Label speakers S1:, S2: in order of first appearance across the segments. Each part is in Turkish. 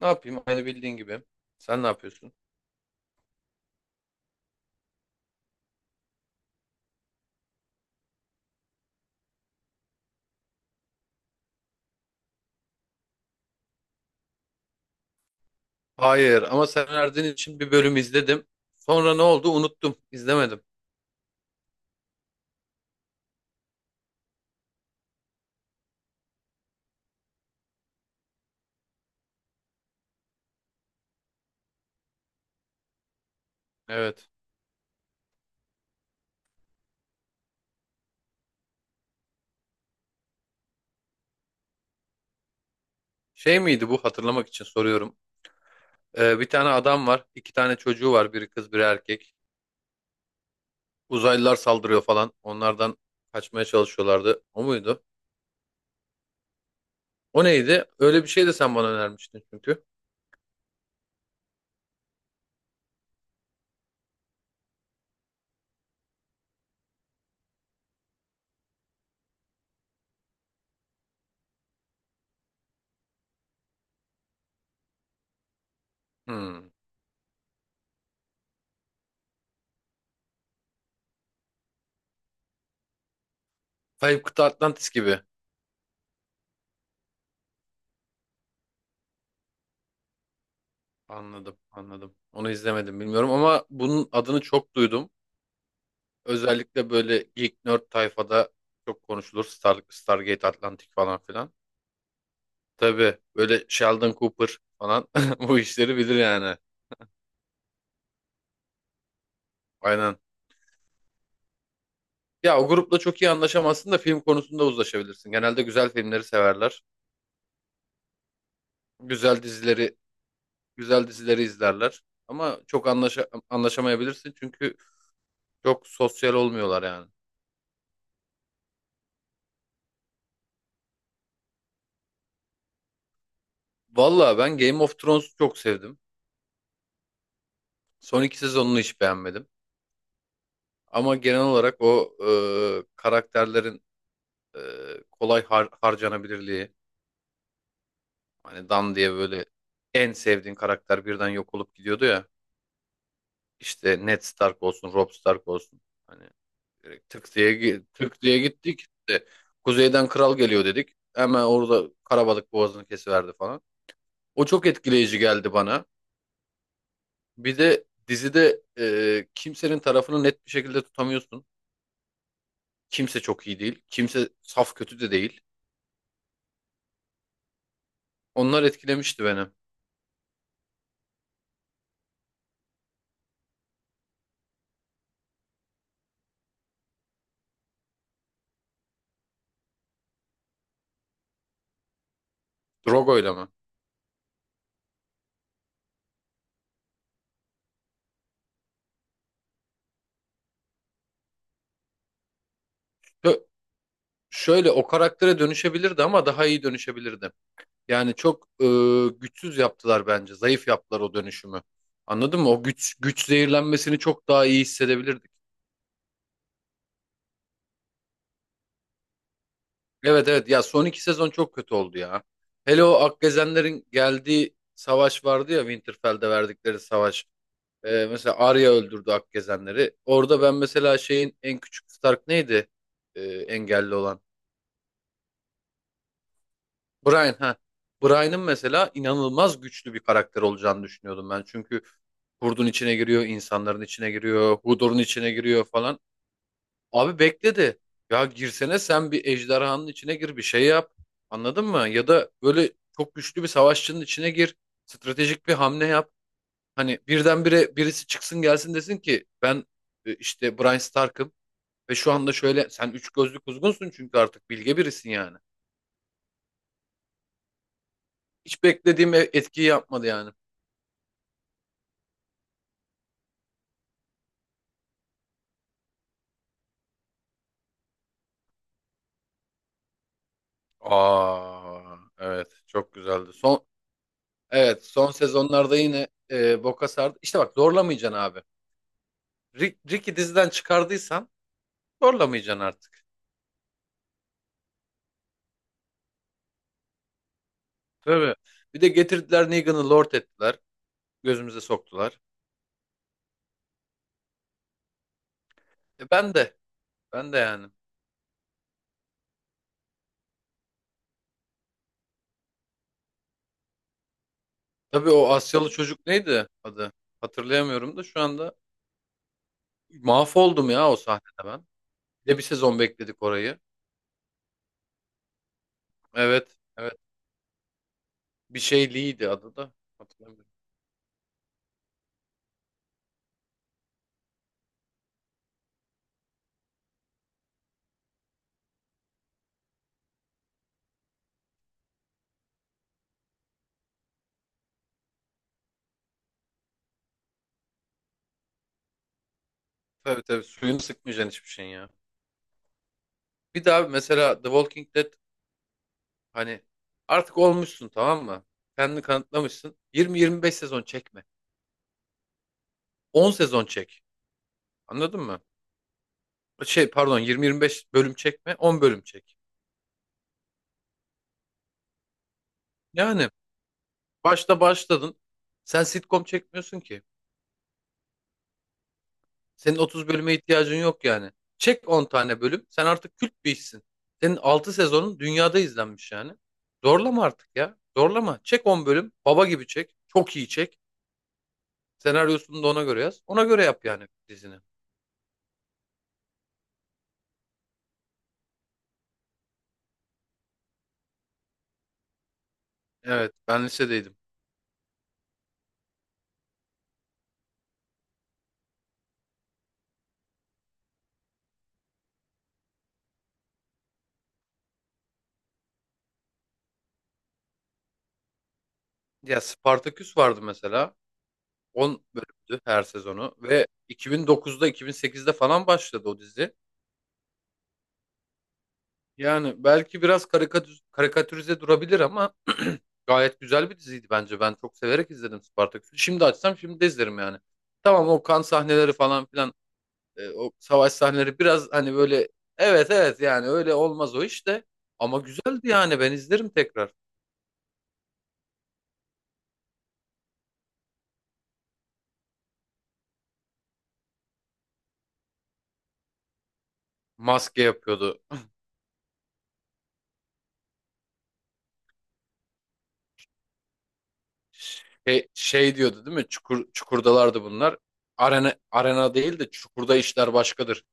S1: Ne yapayım? Aynı bildiğin gibi. Sen ne yapıyorsun? Hayır ama sen Erdin için bir bölüm izledim. Sonra ne oldu? Unuttum. İzlemedim. Evet. Şey miydi bu? Hatırlamak için soruyorum. Bir tane adam var. İki tane çocuğu var. Biri kız, biri erkek. Uzaylılar saldırıyor falan. Onlardan kaçmaya çalışıyorlardı. O muydu? O neydi? Öyle bir şey de sen bana önermiştin çünkü. Hmm. Kayıp Kıta Atlantis gibi. Anladım, anladım. Onu izlemedim, bilmiyorum, ama bunun adını çok duydum. Özellikle böyle geek nerd tayfada çok konuşulur. Stargate Atlantic falan filan. Tabii, böyle Sheldon Cooper falan bu işleri bilir yani. Aynen. Ya, o grupla çok iyi anlaşamazsın da film konusunda uzlaşabilirsin. Genelde güzel filmleri severler. Güzel dizileri, güzel dizileri izlerler. Ama çok anlaşamayabilirsin çünkü çok sosyal olmuyorlar yani. Valla ben Game of Thrones'u çok sevdim. Son 2 sezonunu hiç beğenmedim. Ama genel olarak o karakterlerin e, kolay harcanabilirliği. Hani Dan diye böyle en sevdiğin karakter birden yok olup gidiyordu ya. İşte Ned Stark olsun, Robb Stark olsun. Hani direkt tık diye, tık diye gittik. İşte kuzeyden kral geliyor dedik. Hemen orada karabalık boğazını kesiverdi falan. O çok etkileyici geldi bana. Bir de dizide kimsenin tarafını net bir şekilde tutamıyorsun. Kimse çok iyi değil. Kimse saf kötü de değil. Onlar etkilemişti beni. Drogo'yla mı? Şöyle, o karaktere dönüşebilirdi ama daha iyi dönüşebilirdi. Yani çok güçsüz yaptılar bence. Zayıf yaptılar o dönüşümü. Anladın mı? O güç zehirlenmesini çok daha iyi hissedebilirdik. Evet, evet, ya son iki sezon çok kötü oldu ya. Hele o Akgezenlerin geldiği savaş vardı ya, Winterfell'de verdikleri savaş. Mesela Arya öldürdü Akgezenleri. Orada ben mesela şeyin en küçük Stark neydi? Engelli olan. Brian ha. Brian'ın mesela inanılmaz güçlü bir karakter olacağını düşünüyordum ben. Çünkü kurdun içine giriyor, insanların içine giriyor, Hodor'un içine giriyor falan. Abi bekledi. Ya girsene sen, bir ejderhanın içine gir, bir şey yap. Anladın mı? Ya da böyle çok güçlü bir savaşçının içine gir. Stratejik bir hamle yap. Hani birdenbire birisi çıksın gelsin, desin ki ben işte Brian Stark'ım ve şu anda şöyle sen üç gözlü kuzgunsun çünkü artık bilge birisin yani. Hiç beklediğim etkiyi yapmadı yani. Aa, evet, çok güzeldi. Evet, son sezonlarda yine boka sardı. İşte bak, zorlamayacaksın abi. Rick'i diziden çıkardıysan zorlamayacaksın artık. Tabii. Bir de getirdiler, Negan'ı lord ettiler. Gözümüze soktular. E, ben de ben de yani. Tabii, o Asyalı çocuk neydi adı? Hatırlayamıyorum da şu anda mahvoldum ya o sahnede ben. Bir de bir sezon bekledik orayı. Evet, evet. Bir şey Lee'ydi adı da. Hatırlamıyorum. Tabii, tabii, suyunu sıkmayacaksın hiçbir şeyin ya. Bir daha mesela The Walking Dead, hani artık olmuşsun, tamam mı? Kendini kanıtlamışsın. 20-25 sezon çekme. 10 sezon çek. Anladın mı? Şey, pardon, 20-25 bölüm çekme, 10 bölüm çek. Yani başta başladın. Sen sitcom çekmiyorsun ki. Senin 30 bölüme ihtiyacın yok yani. Çek 10 tane bölüm. Sen artık kült bir işsin. Senin 6 sezonun dünyada izlenmiş yani. Zorlama artık ya. Zorlama. Çek 10 bölüm. Baba gibi çek. Çok iyi çek. Senaryosunu da ona göre yaz. Ona göre yap yani dizini. Evet, ben lisedeydim. Ya Spartaküs vardı mesela. 10 bölümdü her sezonu ve 2009'da, 2008'de falan başladı o dizi. Yani belki biraz karikatürize durabilir ama gayet güzel bir diziydi bence. Ben çok severek izledim Spartaküs'ü. Şimdi açsam şimdi de izlerim yani. Tamam, o kan sahneleri falan filan, o savaş sahneleri biraz hani böyle, evet, evet, yani öyle olmaz o işte. Ama güzeldi yani, ben izlerim tekrar. Maske yapıyordu. Şey, diyordu değil mi? Çukurdalardı bunlar. Arena, arena değil de çukurda işler başkadır.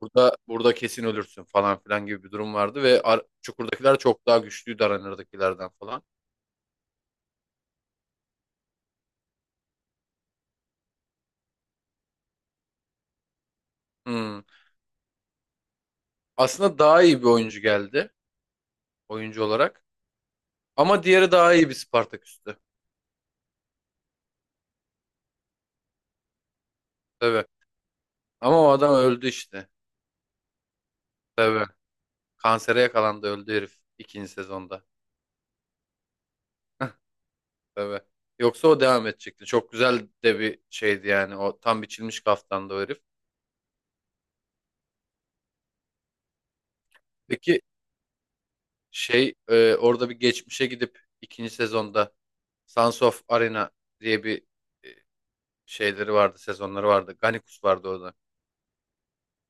S1: Burada burada kesin ölürsün falan filan gibi bir durum vardı ve çukurdakiler çok daha güçlüydü arenadakilerden falan. Hmm. Aslında daha iyi bir oyuncu geldi oyuncu olarak. Ama diğeri daha iyi bir Spartaküs'tü. Tabii. Ama o adam öldü işte. Tabii. Kansere yakalandı, öldü herif ikinci sezonda. Tabii. Yoksa o devam edecekti. Çok güzel de bir şeydi yani. O tam biçilmiş kaftandı o herif. Peki, orada bir geçmişe gidip ikinci sezonda Sons of Arena diye bir e, şeyleri vardı, sezonları vardı. Gannicus vardı orada.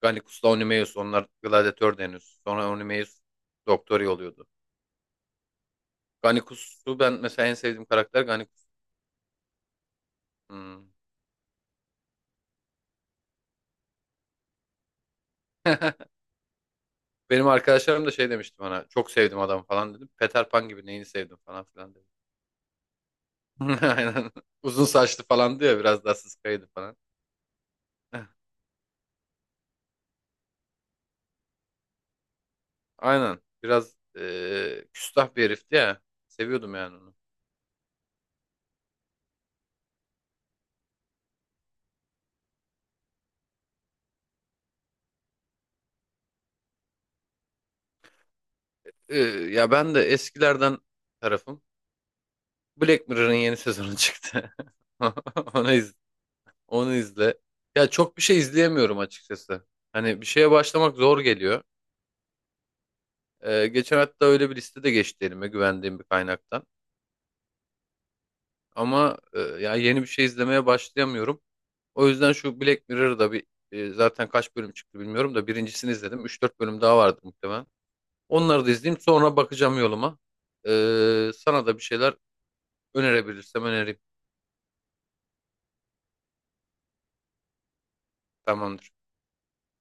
S1: Gannicus'la Onimeus onlar gladiatördü henüz. Sonra Onimeus doktor oluyordu. Gannicus'u ben mesela, en sevdiğim karakter Gannicus. Hmm. Benim arkadaşlarım da şey demişti bana. Çok sevdim adam falan dedim. Peter Pan gibi, neyini sevdim falan filan dedim. Aynen. Uzun saçlı falan diyor, biraz daha sıskaydı falan. Aynen. Biraz küstah bir herifti ya. Seviyordum yani onu. Eee, ya, ben de eskilerden tarafım. Black Mirror'ın yeni sezonu çıktı. Onu iz, onu izle. Ya çok bir şey izleyemiyorum açıkçası. Hani bir şeye başlamak zor geliyor. Geçen hatta öyle bir liste de geçti elime, güvendiğim bir kaynaktan. Ama ya yeni bir şey izlemeye başlayamıyorum. O yüzden şu Black Mirror'da bir zaten kaç bölüm çıktı bilmiyorum da birincisini izledim. Üç dört bölüm daha vardı muhtemelen. Onları da izleyeyim, sonra bakacağım yoluma. Sana da bir şeyler önerebilirsem önereyim. Tamamdır.